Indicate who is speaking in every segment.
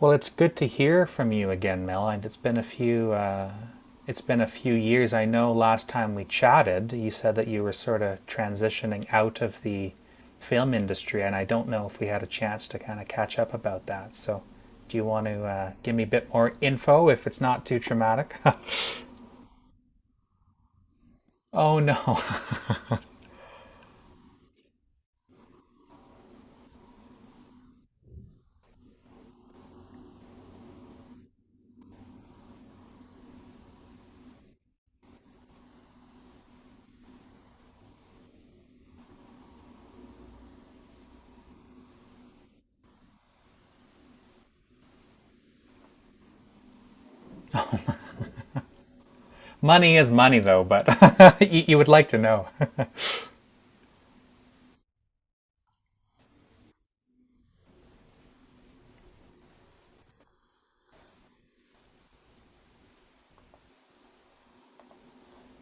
Speaker 1: Well, it's good to hear from you again, Mel. And it's been a few years. I know last time we chatted, you said that you were sort of transitioning out of the film industry, and I don't know if we had a chance to kind of catch up about that. So, do you want to give me a bit more info if it's not too traumatic? oh no. money is money though, but you would like to know.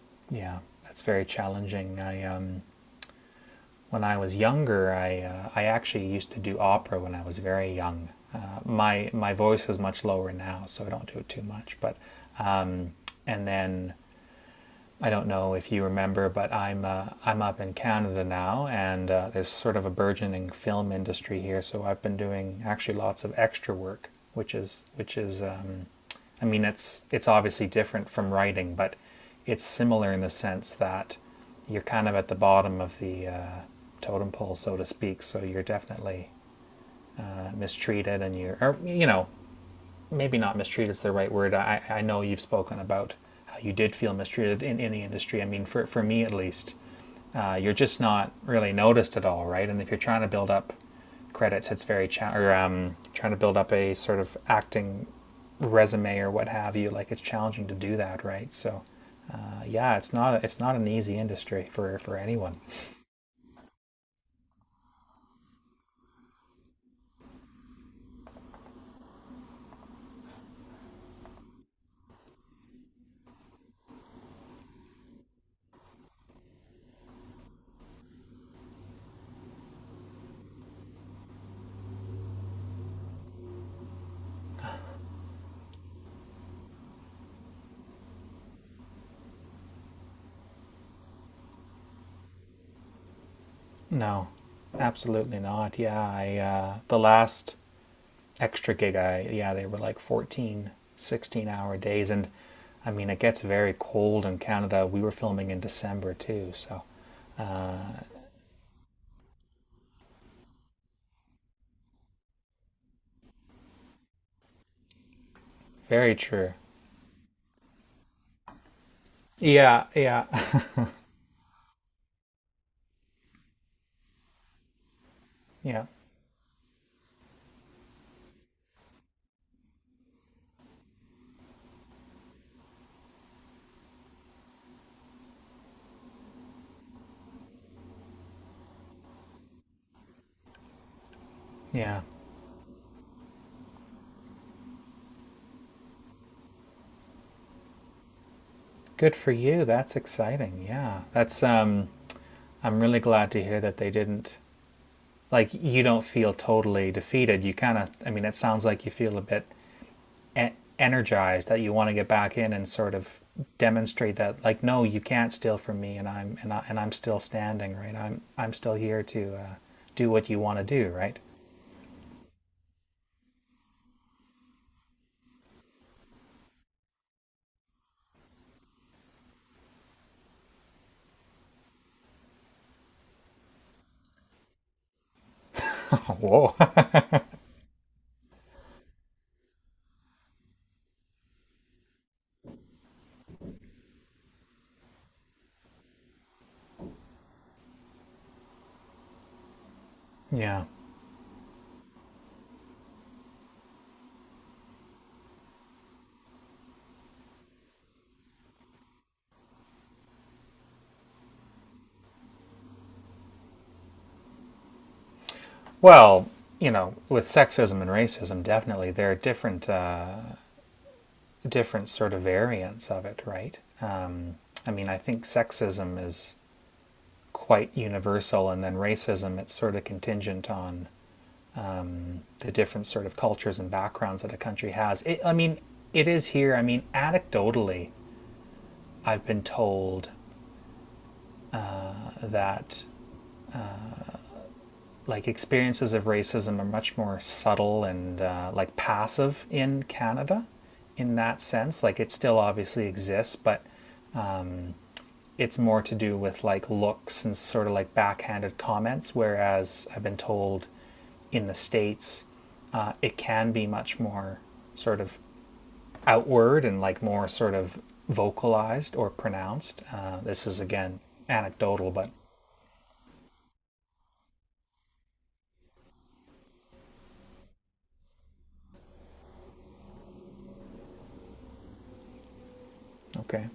Speaker 1: yeah, that's very challenging. I When I was younger, I actually used to do opera when I was very young. My voice is much lower now, so I don't do it too much. But um, and then I don't know if you remember, but I'm up in Canada now, and there's sort of a burgeoning film industry here. So I've been doing actually lots of extra work, which is which is. I mean, it's obviously different from writing, but it's similar in the sense that you're kind of at the bottom of the totem pole, so to speak. So you're definitely mistreated, and you're or, you know, maybe not mistreated is the right word. I know you've spoken about how you did feel mistreated in the industry. I mean, for me at least, you're just not really noticed at all, right? And if you're trying to build up credits, it's very cha- or trying to build up a sort of acting resume or what have you. Like it's challenging to do that, right? So yeah, it's not, it's not an easy industry for anyone. No, absolutely not. Yeah, I the last extra gig I. Yeah, they were like 14, 16 hour days, and I mean it gets very cold in Canada. We were filming in December too, so very true. Yeah, yeah. Yeah. Yeah. Good for you. That's exciting. Yeah. That's I'm really glad to hear that they didn't, like, you don't feel totally defeated. You kind of, I mean, it sounds like you feel a bit e- energized, that you want to get back in and sort of demonstrate that, like, no, you can't steal from me, and I'm still standing, right? I'm still here to do what you want to do, right? Whoa. yeah, well, you know, with sexism and racism, definitely there are different different sort of variants of it, right? I mean, I think sexism is quite universal, and then racism, it's sort of contingent on the different sort of cultures and backgrounds that a country has. I mean, it is here. I mean, anecdotally, I've been told that, like, experiences of racism are much more subtle and like passive in Canada in that sense. Like, it still obviously exists, but it's more to do with like looks and sort of like backhanded comments. Whereas I've been told, in the States, it can be much more sort of outward and like more sort of vocalized or pronounced. This is again anecdotal, but okay.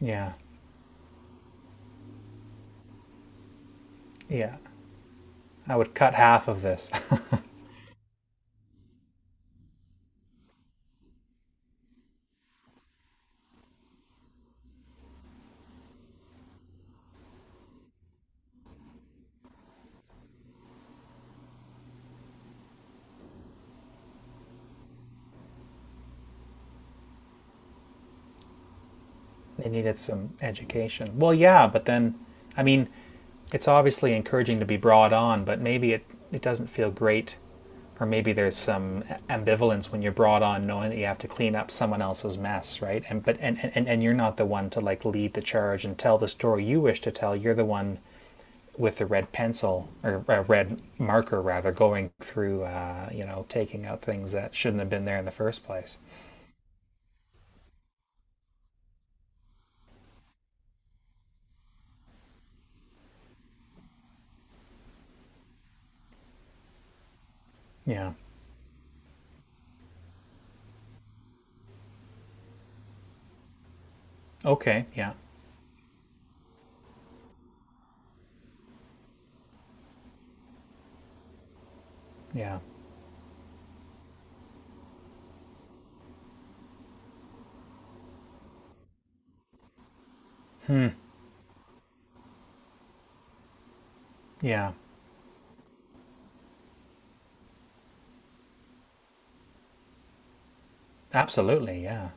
Speaker 1: Yeah, yeah. I would cut half of this. they needed some education. Well, yeah, but then, I mean, it's obviously encouraging to be brought on, but it doesn't feel great. Or maybe there's some ambivalence when you're brought on knowing that you have to clean up someone else's mess, right? And but and you're not the one to, like, lead the charge and tell the story you wish to tell. You're the one with the red pencil, or a red marker rather, going through, you know, taking out things that shouldn't have been there in the first place. Yeah. Okay. Yeah, yeah. Yeah, absolutely. Yeah,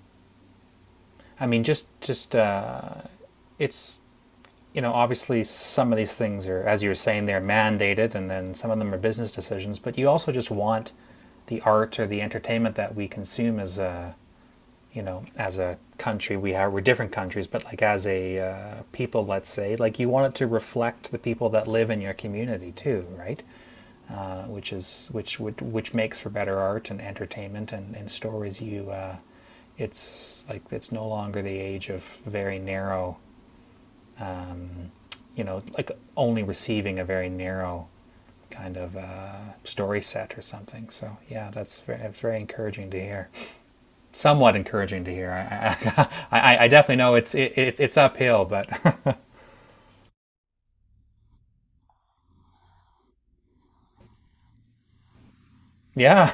Speaker 1: I mean, just it's you know, obviously some of these things are, as you were saying, they're mandated, and then some of them are business decisions, but you also just want the art or the entertainment that we consume as a. You know, as a country, we are, we're different countries, but like, as a people, let's say, like, you want it to reflect the people that live in your community too, right? Which is which would which makes for better art and entertainment and stories. It's like, it's no longer the age of very narrow, you know, like, only receiving a very narrow kind of story set or something. So yeah, that's very, very encouraging to hear. Somewhat encouraging to hear. I definitely know it's uphill, but yeah,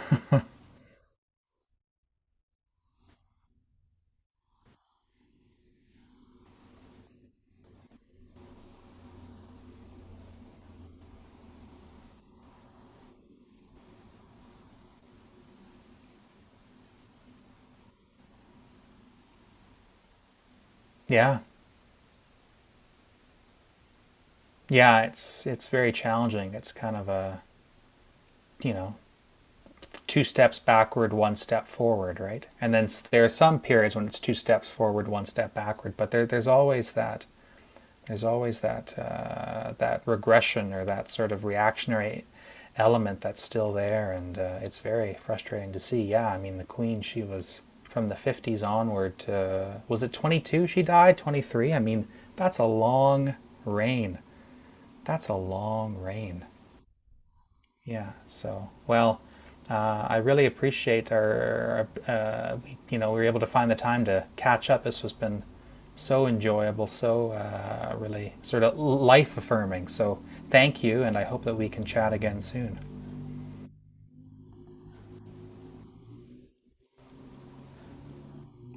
Speaker 1: yeah, yeah. It's very challenging. It's kind of a, you know, two steps backward, one step forward, right? And then there are some periods when it's two steps forward, one step backward, but there's always that. There's always that that regression or that sort of reactionary element that's still there, and it's very frustrating to see. Yeah, I mean, the Queen, she was from the 50s onward to, was it 22 she died? 23? I mean, that's a long reign. That's a long reign. Yeah. So, well, I really appreciate our, you know, we were able to find the time to catch up. This has been so enjoyable, so really sort of life affirming. So, thank you, and I hope that we can chat again soon.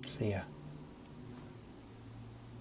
Speaker 1: See ya.